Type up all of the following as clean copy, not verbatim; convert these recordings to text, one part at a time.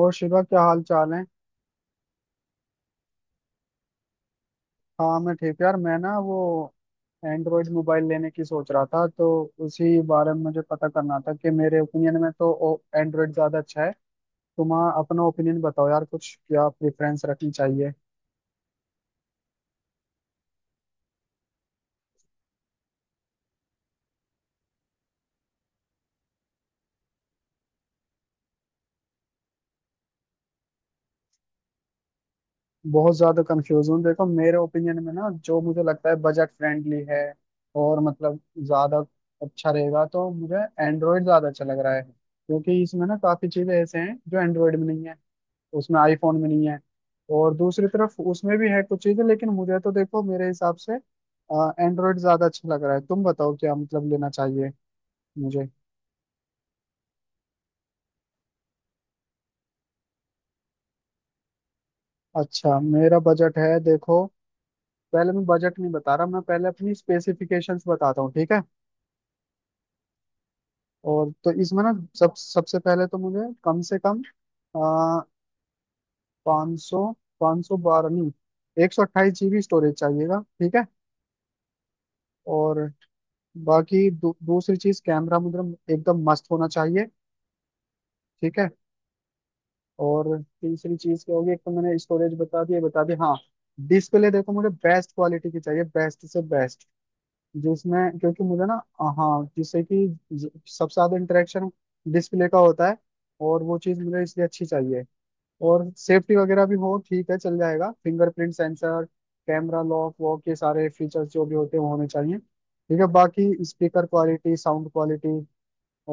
और शिवा क्या हाल चाल है। हाँ मैं ठीक यार। मैं ना वो एंड्रॉयड मोबाइल लेने की सोच रहा था, तो उसी बारे में मुझे पता करना था कि मेरे ओपिनियन में तो एंड्रॉयड ज्यादा अच्छा है। तुम अपना ओपिनियन बताओ यार, कुछ क्या प्रेफरेंस रखनी चाहिए। बहुत ज्यादा कंफ्यूज हूँ। देखो मेरे ओपिनियन में ना, जो मुझे लगता है बजट फ्रेंडली है और मतलब ज्यादा अच्छा रहेगा, तो मुझे एंड्रॉयड ज्यादा अच्छा लग रहा है, क्योंकि इसमें ना काफी चीजें ऐसे हैं जो एंड्रॉयड में नहीं है उसमें, आईफोन में नहीं है। और दूसरी तरफ उसमें भी है कुछ चीजें, लेकिन मुझे तो देखो मेरे हिसाब से एंड्रॉयड ज्यादा अच्छा लग रहा है। तुम बताओ क्या मतलब लेना चाहिए मुझे। अच्छा मेरा बजट है, देखो पहले मैं बजट नहीं बता रहा, मैं पहले अपनी स्पेसिफिकेशंस बताता हूँ ठीक है। और तो इसमें ना सब सबसे पहले तो मुझे कम से कम आ, पाँच सौ, 512 नहीं, 128 जीबी स्टोरेज चाहिएगा ठीक है। और बाकी दूसरी चीज कैमरा मुझे एकदम मस्त होना चाहिए ठीक है। और तीसरी चीज क्या होगी, एक तो मैंने स्टोरेज बता दी, ये बता दी हाँ। डिस्प्ले देखो मुझे बेस्ट क्वालिटी की चाहिए, बेस्ट से बेस्ट, जिसमें क्योंकि मुझे ना, हाँ जिससे कि सबसे ज्यादा इंटरेक्शन डिस्प्ले का होता है, और वो चीज मुझे इसलिए अच्छी चाहिए। और सेफ्टी वगैरह भी हो ठीक है चल जाएगा, फिंगरप्रिंट सेंसर, कैमरा लॉक वॉक, ये सारे फीचर्स जो भी होते हैं वो होने चाहिए ठीक है। बाकी स्पीकर क्वालिटी, साउंड क्वालिटी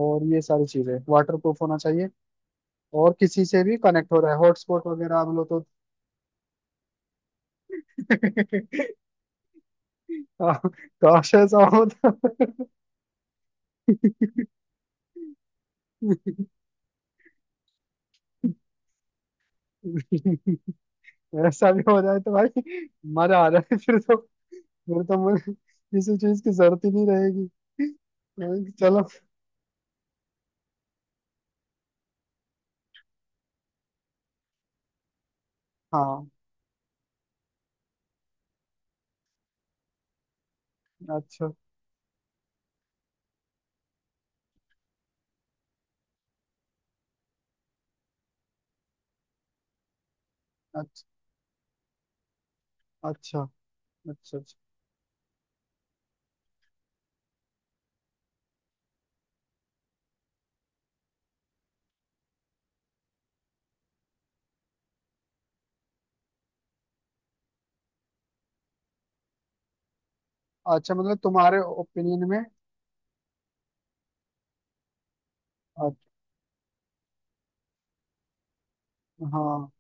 और ये सारी चीजें, वाटर प्रूफ होना चाहिए। और किसी से भी कनेक्ट हो रहा है हॉटस्पॉट वगैरह आप लो तो। आ, काश ऐसा हो तो। ऐसा भी हो जाए तो भाई मजा आ जाए फिर तो। फिर तो मुझे किसी चीज की जरूरत ही नहीं रहेगी। कि चलो। हाँ। अच्छा, अच्छा, अच्छा, अच्छा, अच्छा, अच्छा मतलब तुम्हारे ओपिनियन में। अच्छा, हाँ।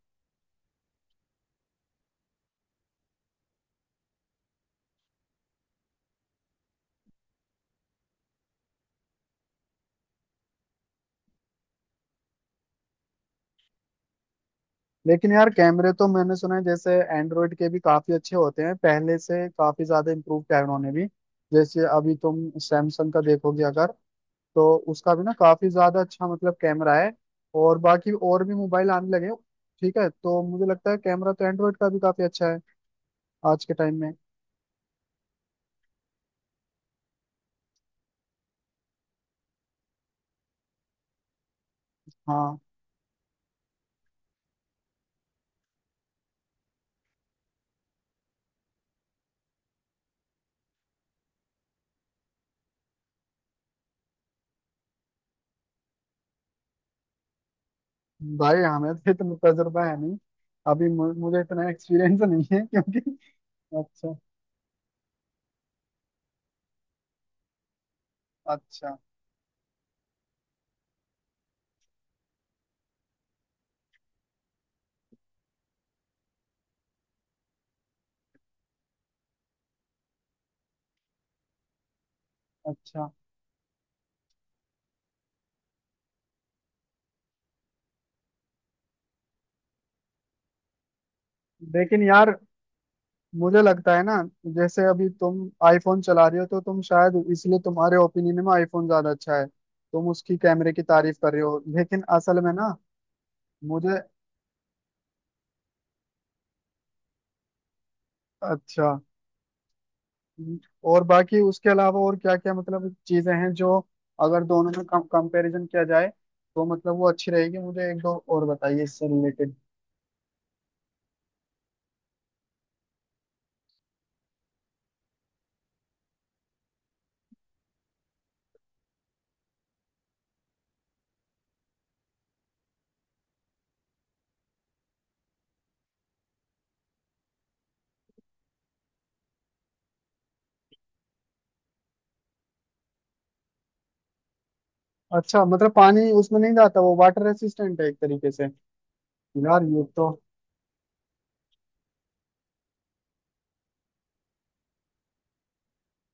लेकिन यार कैमरे तो मैंने सुना है, जैसे एंड्रॉइड के भी काफी अच्छे होते हैं, पहले से काफी ज्यादा इम्प्रूव किया है उन्होंने भी। जैसे अभी तुम सैमसंग का देखोगे अगर, तो उसका भी ना काफी ज्यादा अच्छा मतलब कैमरा है, और बाकी और भी मोबाइल आने लगे हैं, ठीक है, तो मुझे लगता है कैमरा तो एंड्रॉइड का भी काफी अच्छा है आज के टाइम में। हाँ भाई हमें तो इतना तजुर्बा है नहीं। अभी मुझे इतना एक्सपीरियंस नहीं है क्योंकि अच्छा, अच्छा, अच्छा। लेकिन यार मुझे लगता है ना, जैसे अभी तुम आईफोन चला रही हो, तो तुम शायद इसलिए तुम्हारे ओपिनियन में आईफोन ज्यादा अच्छा है, तुम उसकी कैमरे की तारीफ कर रहे हो, लेकिन असल में ना मुझे। अच्छा। और बाकी उसके अलावा और क्या क्या मतलब चीजें हैं, जो अगर दोनों में कम कंपैरिजन किया जाए तो मतलब वो अच्छी रहेगी, मुझे एक दो और बताइए इससे रिलेटेड। अच्छा मतलब पानी उसमें नहीं जाता, वो वाटर रेसिस्टेंट है एक तरीके से। यार ये तो।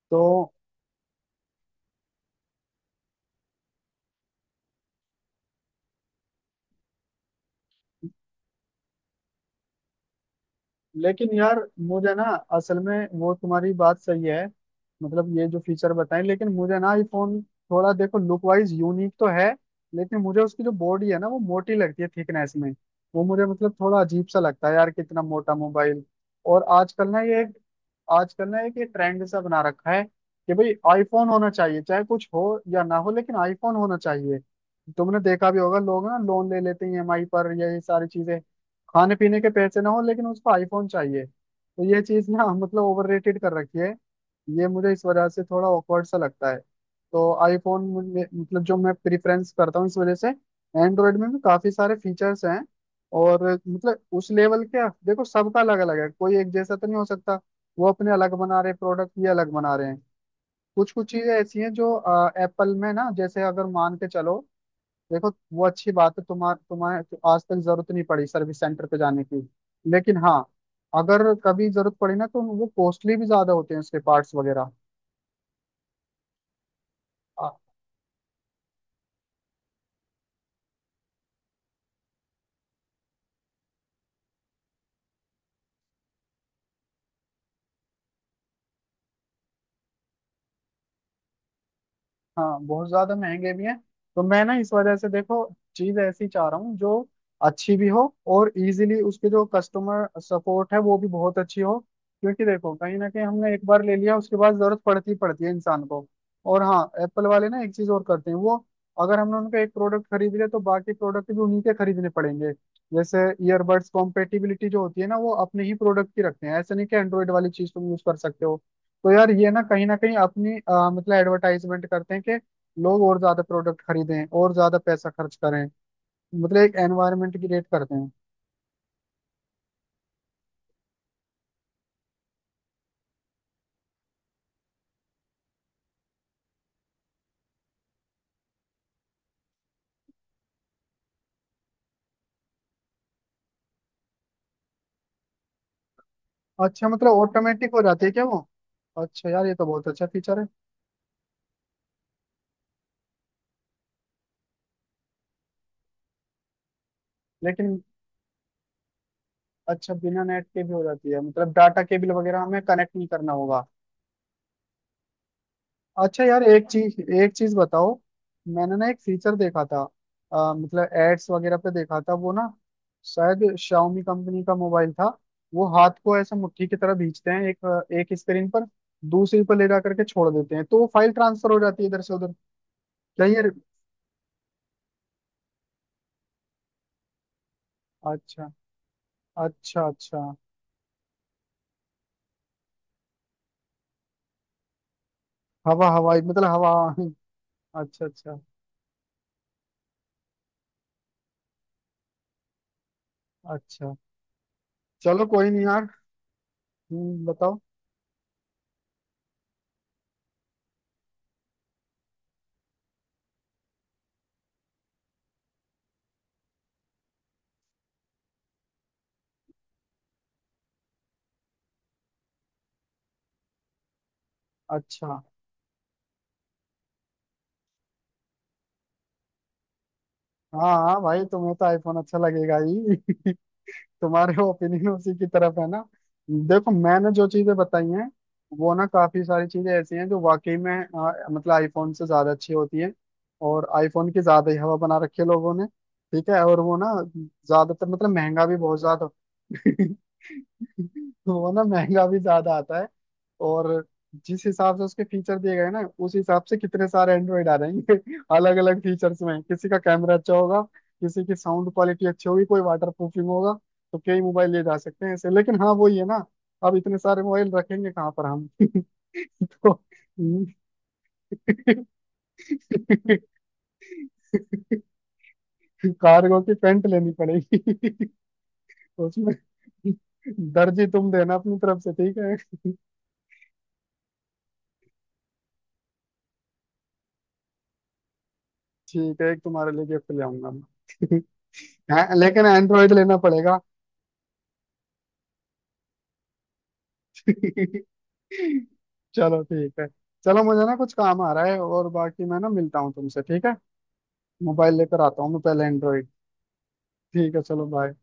तो लेकिन यार मुझे ना, असल में वो तुम्हारी बात सही है मतलब ये जो फीचर बताएं, लेकिन मुझे ना आईफोन थोड़ा देखो लुक वाइज यूनिक तो है, लेकिन मुझे उसकी जो बॉडी है ना वो मोटी लगती है थिकनेस में। वो मुझे मतलब थोड़ा अजीब सा लगता है यार, कितना मोटा मोबाइल। और आजकल ना ये एक, आजकल ना एक ये ट्रेंड सा बना रखा है कि भाई आईफोन होना चाहिए, चाहे कुछ हो या ना हो लेकिन आईफोन होना चाहिए। तुमने देखा भी होगा, लोग ना लोन ले लेते हैं ईएमआई पर या ये सारी चीजें, खाने पीने के पैसे ना हो लेकिन उसको आईफोन चाहिए, तो ये चीज ना मतलब ओवररेटेड कर रखी है। ये मुझे इस वजह से थोड़ा ऑकवर्ड सा लगता है। तो आईफोन मतलब जो मैं प्रिफरेंस करता हूँ इस वजह से, एंड्रॉयड में भी काफी सारे फीचर्स हैं और मतलब उस लेवल के, देखो सबका अलग अलग है, कोई एक जैसा तो नहीं हो सकता। वो अपने अलग बना रहे प्रोडक्ट, ये अलग बना रहे हैं। कुछ कुछ चीजें ऐसी हैं जो एप्पल में ना, जैसे अगर मान के चलो, देखो वो अच्छी बात है, तुम्हार तुम्हें तो आज तक जरूरत नहीं पड़ी सर्विस सेंटर पे जाने की, लेकिन हाँ अगर कभी जरूरत पड़ी ना, तो वो कॉस्टली भी ज्यादा होते हैं, उसके पार्ट्स वगैरह। हाँ बहुत ज्यादा महंगे भी हैं। तो मैं ना इस वजह से देखो, चीज ऐसी चाह रहा हूँ जो अच्छी भी हो, और इजीली उसके जो कस्टमर सपोर्ट है वो भी बहुत अच्छी हो, क्योंकि देखो कहीं ना कहीं हमने एक बार ले लिया, उसके बाद जरूरत पड़ती ही पड़ती है इंसान को। और हाँ एप्पल वाले ना एक चीज और करते हैं वो, अगर हमने उनका एक प्रोडक्ट खरीद लिया तो बाकी प्रोडक्ट भी उन्हीं के खरीदने पड़ेंगे। जैसे ईयरबड्स, कॉम्पेटिबिलिटी जो होती है ना, वो अपने ही प्रोडक्ट की रखते हैं, ऐसे नहीं कि एंड्रॉइड वाली चीज तुम यूज कर सकते हो। तो यार ये ना कहीं अपनी मतलब एडवर्टाइजमेंट करते हैं कि लोग और ज्यादा प्रोडक्ट खरीदें और ज्यादा पैसा खर्च करें। मतलब एक एनवायरनमेंट क्रिएट करते हैं। अच्छा मतलब ऑटोमेटिक हो जाती है क्या वो। अच्छा यार ये तो बहुत अच्छा फीचर है। लेकिन अच्छा बिना नेट के भी हो जाती है, मतलब डाटा केबल वगैरह हमें कनेक्ट नहीं करना होगा। अच्छा यार एक चीज, एक चीज बताओ, मैंने ना एक फीचर देखा था, मतलब एड्स वगैरह पे देखा था वो ना, शायद शाओमी कंपनी का मोबाइल था, वो हाथ को ऐसा मुट्ठी की तरह खींचते हैं, एक एक स्क्रीन पर दूसरी पर ले जा करके छोड़ देते हैं, तो वो फाइल ट्रांसफर हो जाती है इधर से उधर। क्या यार। अच्छा, अच्छा, अच्छा हवा हवाई मतलब हवा। अच्छा, अच्छा, अच्छा। चलो कोई नहीं यार। बताओ। अच्छा। हाँ, हाँ भाई तुम्हें तो आईफोन अच्छा लगेगा ही तुम्हारे ओपिनियन उसी की तरफ है ना। देखो मैंने जो चीजें बताई हैं वो ना, काफी सारी चीजें ऐसी हैं जो वाकई में मतलब आईफोन से ज्यादा अच्छी होती हैं। और आईफोन की ज्यादा ही हवा बना रखी है लोगों ने, ठीक है और वो ना ज्यादातर मतलब महंगा भी बहुत ज्यादा। वो ना महंगा भी ज्यादा आता है। और जिस हिसाब से उसके फीचर दिए गए ना, उस हिसाब से कितने सारे एंड्रॉइड आ रहेंगे अलग अलग फीचर्स में, किसी का कैमरा अच्छा होगा, किसी की साउंड क्वालिटी अच्छी होगी, कोई वाटर प्रूफिंग होगा, तो कई मोबाइल ले जा सकते हैं ऐसे, लेकिन हाँ वही है ना, अब इतने सारे मोबाइल रखेंगे कहाँ पर हम तो कार्गो की पैंट लेनी पड़ेगी उसमें। दर्जी तुम देना अपनी तरफ से ठीक है ठीक है, एक तुम्हारे लिए गिफ्ट ले आऊंगा मैं हाँ, लेकिन एंड्रॉइड लेना पड़ेगा चलो ठीक है। चलो मुझे ना कुछ काम आ रहा है, और बाकी मैं ना मिलता हूँ तुमसे ठीक है। मोबाइल लेकर आता हूँ मैं, पहले एंड्रॉइड। ठीक है चलो बाय।